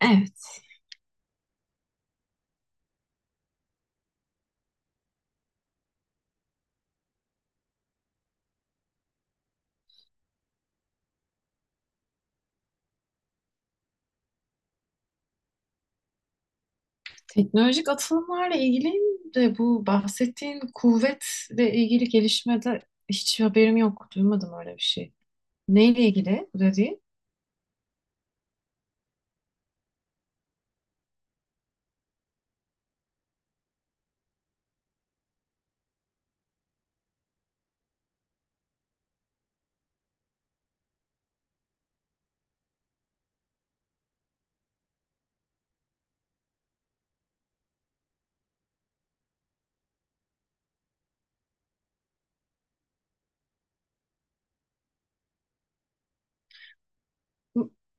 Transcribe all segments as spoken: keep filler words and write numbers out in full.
Evet. Teknolojik atılımlarla ilgili de bu bahsettiğin kuvvetle ilgili gelişmede hiç haberim yok. Duymadım öyle bir şey. Neyle ilgili bu dediğin?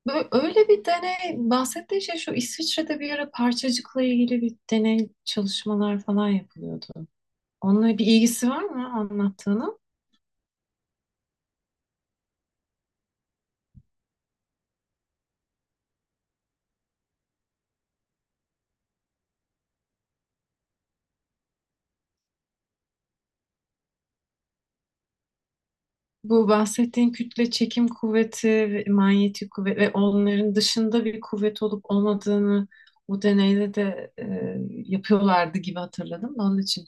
Bö- Öyle bir deney bahsettiğin şey, şu İsviçre'de bir ara parçacıkla ilgili bir deney çalışmalar falan yapılıyordu. Onunla bir ilgisi var mı anlattığının? Bu bahsettiğin kütle çekim kuvveti ve manyetik kuvvet ve onların dışında bir kuvvet olup olmadığını o deneyde de e, yapıyorlardı gibi hatırladım da onun için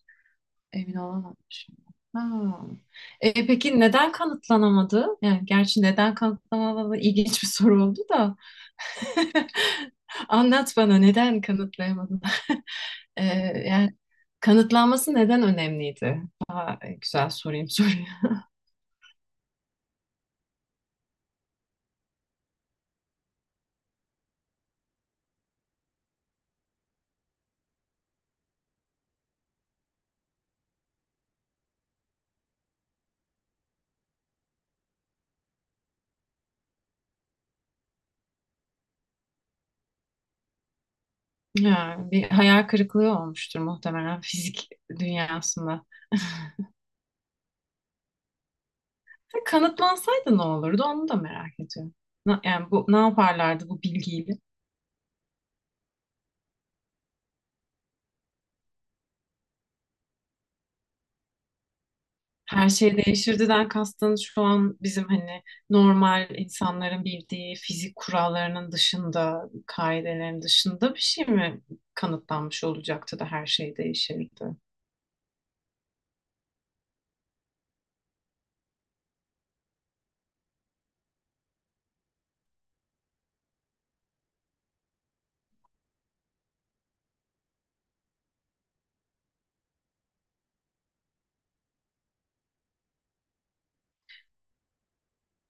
emin olamamışım. Ha. E, peki neden kanıtlanamadı? Yani gerçi neden kanıtlanamadı ilginç bir soru oldu da anlat bana, neden kanıtlayamadın? E, Yani kanıtlanması neden önemliydi? Daha güzel sorayım soruyu. Ya, bir hayal kırıklığı olmuştur muhtemelen fizik dünyasında. Ya, kanıtlansaydı ne olurdu onu da merak ediyorum. Na- yani bu, ne yaparlardı bu bilgiyle? Her şey değişirdiden kastın şu an bizim, hani normal insanların bildiği fizik kurallarının dışında, kaidelerin dışında bir şey mi kanıtlanmış olacaktı da her şey değişirdi?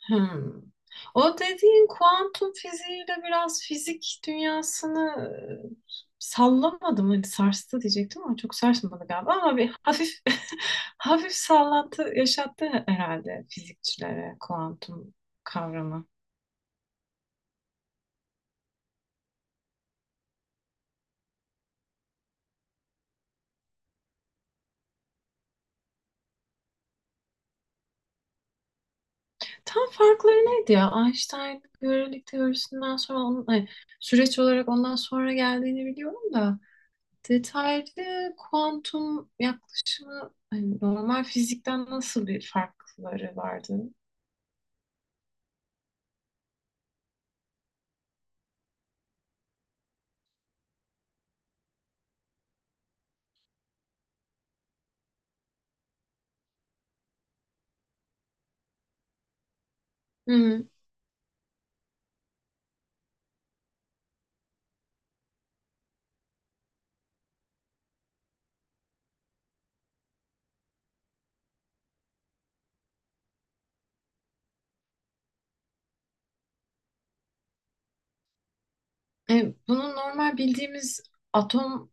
Hmm. O dediğin kuantum fiziğiyle biraz fizik dünyasını e, sallamadı mı? Hani sarstı diyecektim ama çok sarsmadı galiba. Ama bir hafif hafif sallantı yaşattı herhalde fizikçilere, kuantum kavramı. Tam farkları neydi ya? Einstein görelilik teorisinden sonra onun, ay, süreç olarak ondan sonra geldiğini biliyorum da. Detaylı kuantum yaklaşımı hani normal fizikten nasıl bir farkları vardı? Hı. E, bunun normal bildiğimiz atom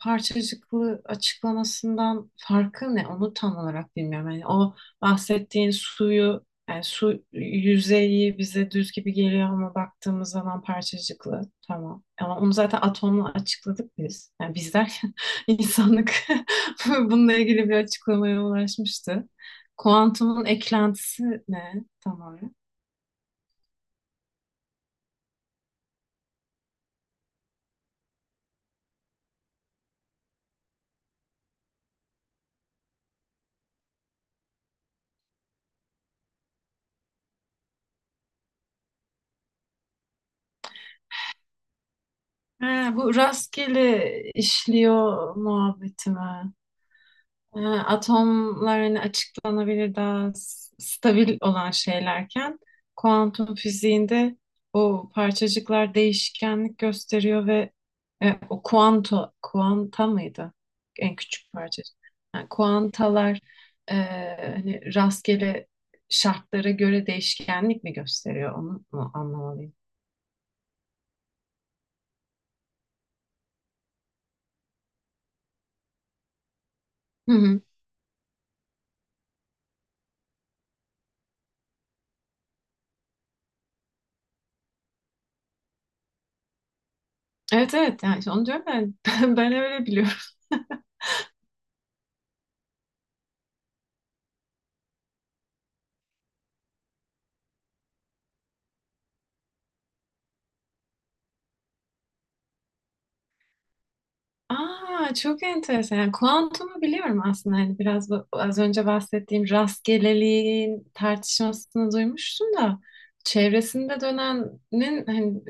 parçacıklı açıklamasından farkı ne? Onu tam olarak bilmiyorum. Yani o bahsettiğin suyu, yani su yüzeyi bize düz gibi geliyor ama baktığımız zaman parçacıklı. Tamam. Ama onu zaten atomla açıkladık biz. Yani biz derken insanlık bununla ilgili bir açıklamaya ulaşmıştı. Kuantumun eklentisi ne tam olarak? Ha, bu rastgele işliyor muhabbeti mi? E, atomlar hani açıklanabilir daha s- stabil olan şeylerken kuantum fiziğinde o parçacıklar değişkenlik gösteriyor ve e, o kuanto, kuanta mıydı? En küçük parçacık. Yani kuantalar e, hani rastgele şartlara göre değişkenlik mi gösteriyor, onu mu anlamalıyım? Hı hı. Evet, evet, yani işte onu diyorum ben. Ben öyle biliyorum. Aa, çok enteresan. Yani kuantumu biliyorum aslında. Hani biraz bu, az önce bahsettiğim rastgeleliğin tartışmasını duymuştum da çevresinde dönenin hani,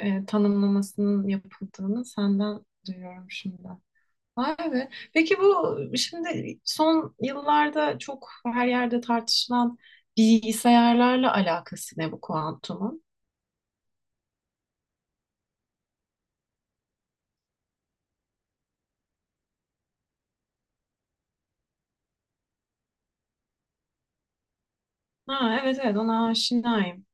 e, e, tanımlamasının yapıldığını senden duyuyorum şimdi. Vay be. Peki bu şimdi son yıllarda çok her yerde tartışılan bilgisayarlarla alakası ne bu kuantumun? Ha, evet, evet, ona aşinayım.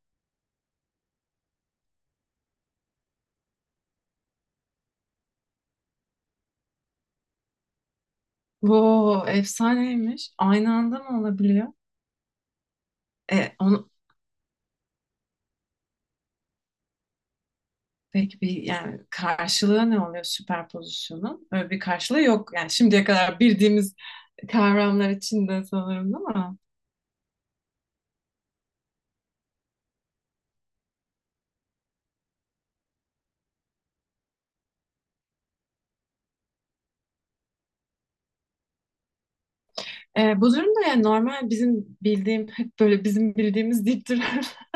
Bu efsaneymiş. Aynı anda mı olabiliyor? E, onu peki, bir yani karşılığı ne oluyor süperpozisyonun? Öyle bir karşılığı yok. Yani şimdiye kadar bildiğimiz kavramlar içinde sanırım, değil mi? E, bu durumda yani normal bizim bildiğim hep böyle bizim bildiğimiz deyip duran,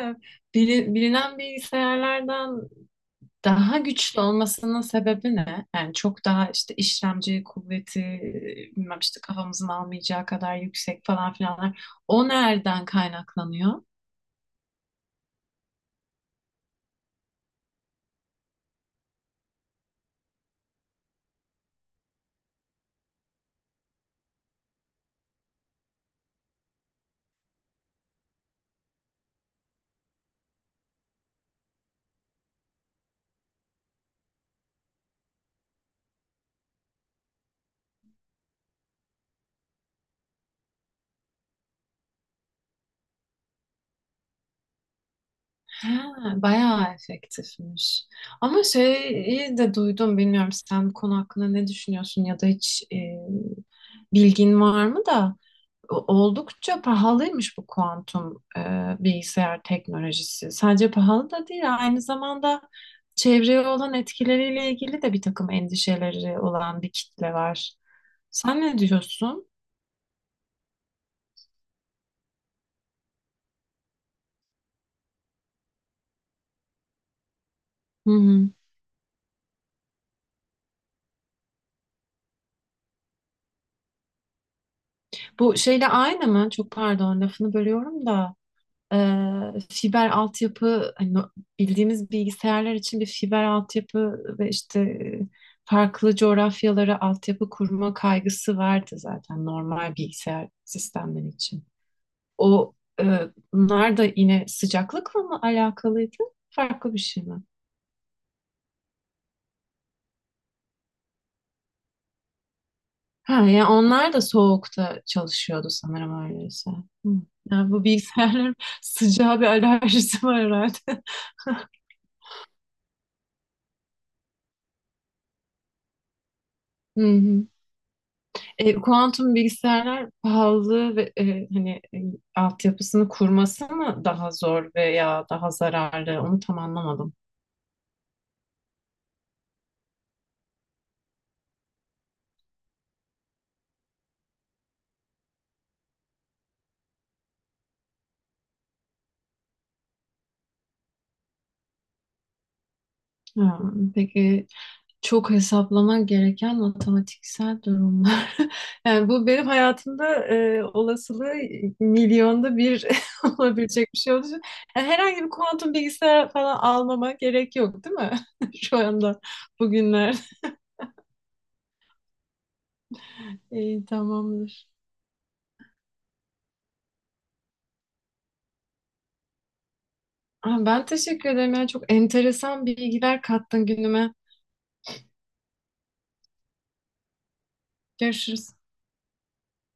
e, bili- bilinen bilgisayarlardan daha güçlü olmasının sebebi ne? Yani çok daha işte işlemci kuvveti, bilmem işte kafamızın almayacağı kadar yüksek falan filanlar. O nereden kaynaklanıyor? Ha, bayağı efektifmiş. Ama şeyi de duydum, bilmiyorum sen bu konu hakkında ne düşünüyorsun ya da hiç e, bilgin var mı da oldukça pahalıymış bu kuantum e, bilgisayar teknolojisi. Sadece pahalı da değil, aynı zamanda çevreye olan etkileriyle ilgili de bir takım endişeleri olan bir kitle var. Sen ne diyorsun? Hı hı. Bu şeyle aynı mı? Çok pardon, lafını bölüyorum da. Eee, fiber altyapı, hani no- bildiğimiz bilgisayarlar için bir fiber altyapı ve işte e, farklı coğrafyalara altyapı kurma kaygısı vardı zaten normal bilgisayar sistemleri için. O e, bunlar da yine sıcaklıkla mı alakalıydı? Farklı bir şey mi? Ha, yani onlar da soğukta çalışıyordu sanırım öyleyse. Hı. Yani bu bilgisayarların sıcağa bir alerjisi var herhalde. Hı hı. E, kuantum bilgisayarlar pahalı ve e, hani e, altyapısını kurması mı daha zor veya daha zararlı? Onu tam anlamadım. Ha, peki çok hesaplama gereken matematiksel durumlar. Yani bu benim hayatımda e, olasılığı milyonda bir olabilecek bir şey olduğu için yani herhangi bir kuantum bilgisayar falan almama gerek yok, değil mi? Şu anda bugünler. İyi, tamamdır. Aa, ben teşekkür ederim. Yani çok enteresan bilgiler kattın günüme. Görüşürüz.